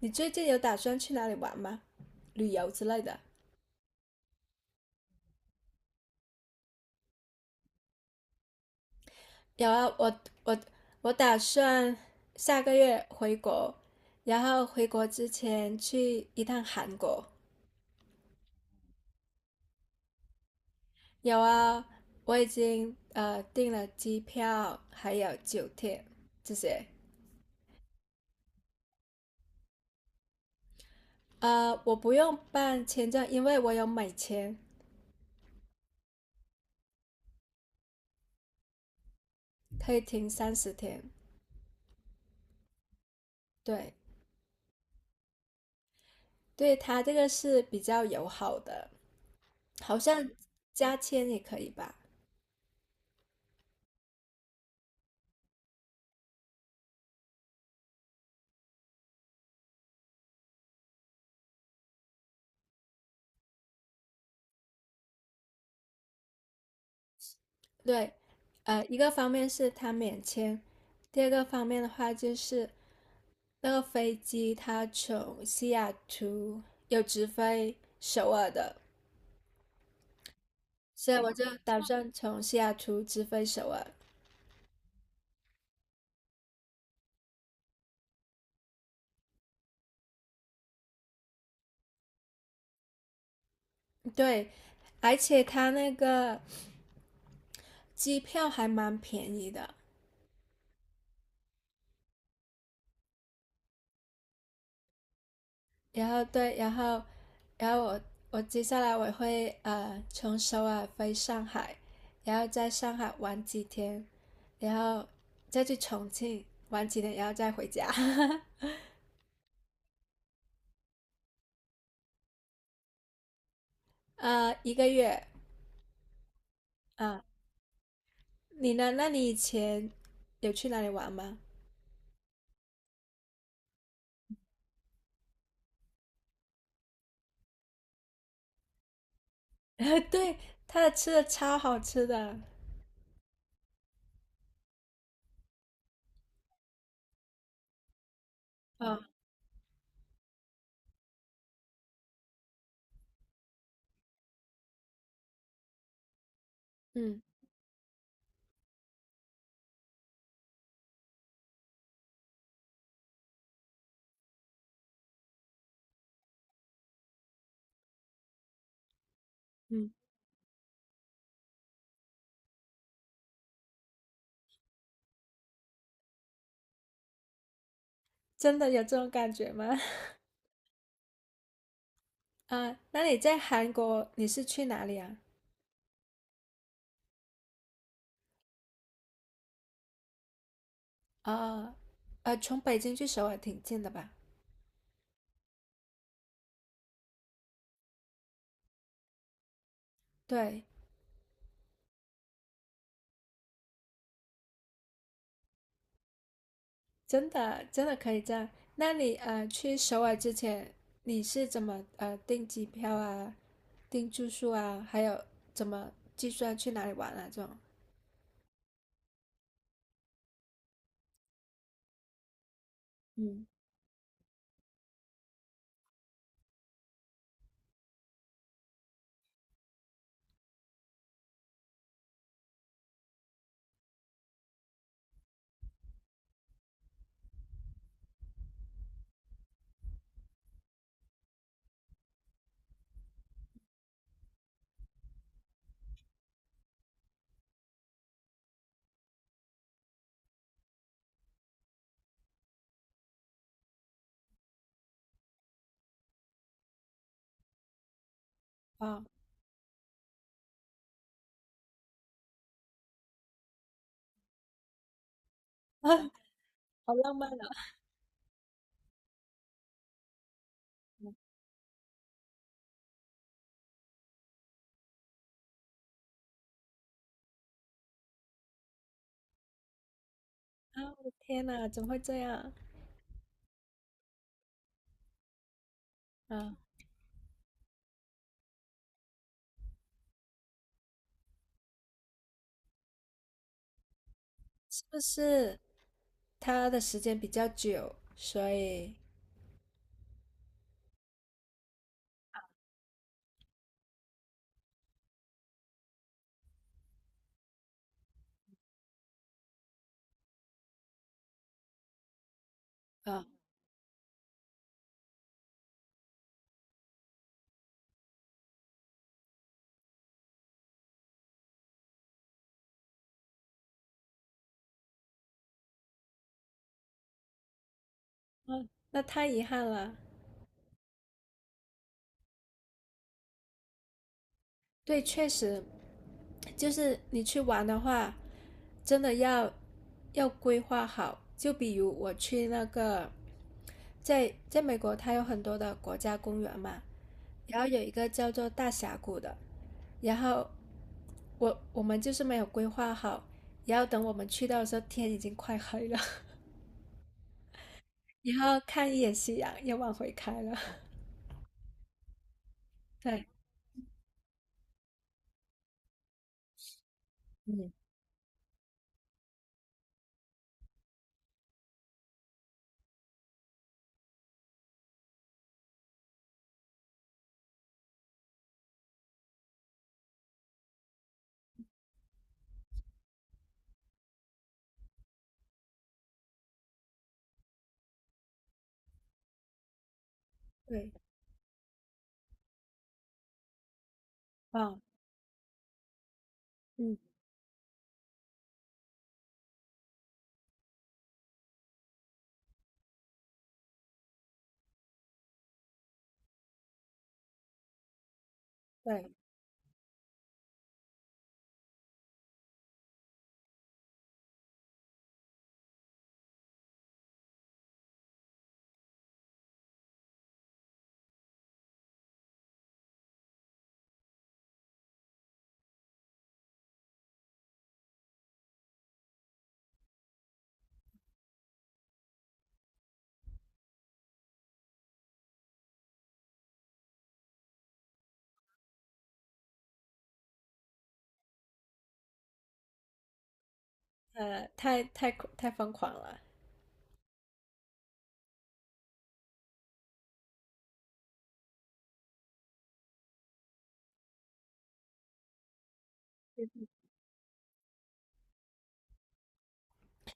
你最近有打算去哪里玩吗？旅游之类的？有啊，我打算下个月回国，然后回国之前去一趟韩国。有啊，我已经订了机票，还有酒店这些。我不用办签证，因为我有美签，可以停30天。对，对他这个是比较友好的，好像加签也可以吧？对，一个方面是它免签，第二个方面的话就是那个飞机它从西雅图有直飞首尔的，所以我就打算从西雅图直飞首尔。对，而且它那个机票还蛮便宜的，然后对，然后我接下来我会从首尔飞上海，然后在上海玩几天，然后再去重庆玩几天，然后再回家，一个月啊。你呢？那你以前有去哪里玩吗？对，他的吃的超好吃的。啊，嗯嗯，真的有这种感觉吗？啊，那你在韩国你是去哪里啊？啊，从北京去首尔挺近的吧？对，真的真的可以这样。那你去首尔之前，你是怎么订机票啊、订住宿啊，还有怎么计算去哪里玩啊这种？嗯。哦，啊，我的天呐，怎么会这样？啊，是不是他的时间比较久，所以啊，那太遗憾了。对，确实，就是你去玩的话，真的要要规划好。就比如我去那个在美国，它有很多的国家公园嘛，然后有一个叫做大峡谷的，然后我们就是没有规划好，然后等我们去到的时候，天已经快黑了，然后看一眼夕阳又往回开了，对，嗯，对，啊，嗯，对，呃，太太太疯狂了，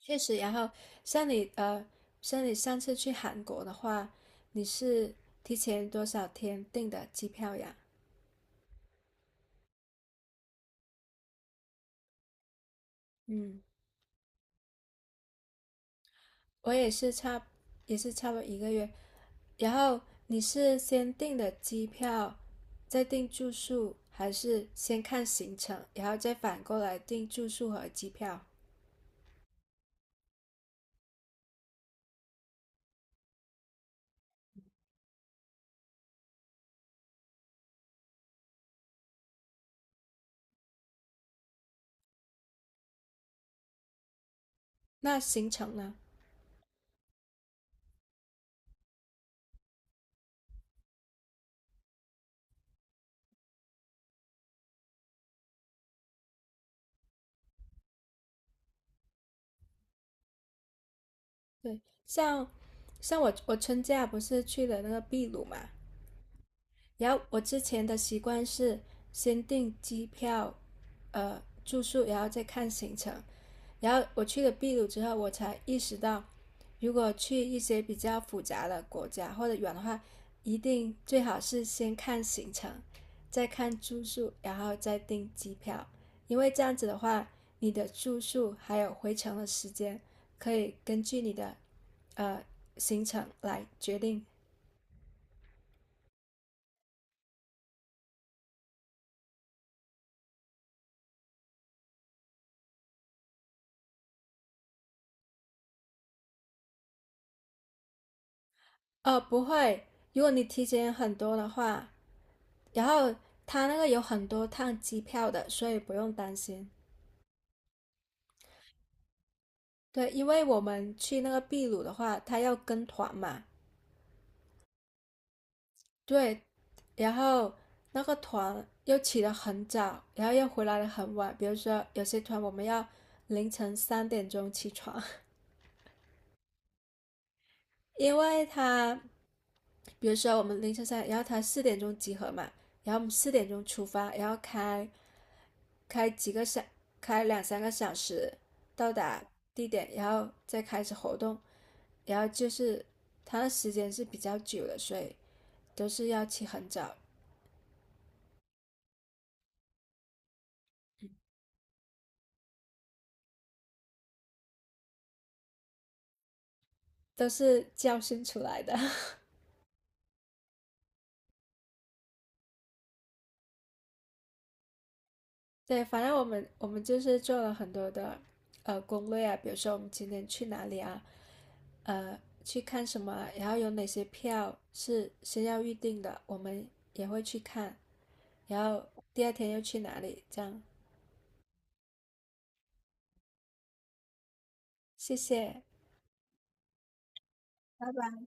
确实。然后像你呃，像你上次去韩国的话，你是提前多少天订的机票呀？嗯。我也是差不多一个月。然后你是先订的机票，再订住宿，还是先看行程，然后再反过来订住宿和机票？那行程呢？对，像像我春假不是去了那个秘鲁嘛，然后我之前的习惯是先订机票，住宿，然后再看行程。然后我去了秘鲁之后，我才意识到，如果去一些比较复杂的国家或者远的话，一定最好是先看行程，再看住宿，然后再订机票，因为这样子的话，你的住宿还有回程的时间可以根据你的呃行程来决定。不会，如果你提前很多的话，然后他那个有很多趟机票的，所以不用担心。对，因为我们去那个秘鲁的话，他要跟团嘛，对，然后那个团又起得很早，然后又回来的很晚。比如说有些团我们要凌晨3点钟起床，因为他，比如说我们凌晨三，然后他四点钟集合嘛，然后我们四点钟出发，然后开几个小，开两三个小时到达地点，然后再开始活动，然后就是它的时间是比较久的，所以都是要起很早，都是教训出来的。对，反正我们就是做了很多的攻略啊，比如说我们今天去哪里啊，去看什么啊然后有哪些票是先要预定的，我们也会去看，然后第二天又去哪里，这样。谢谢，拜拜。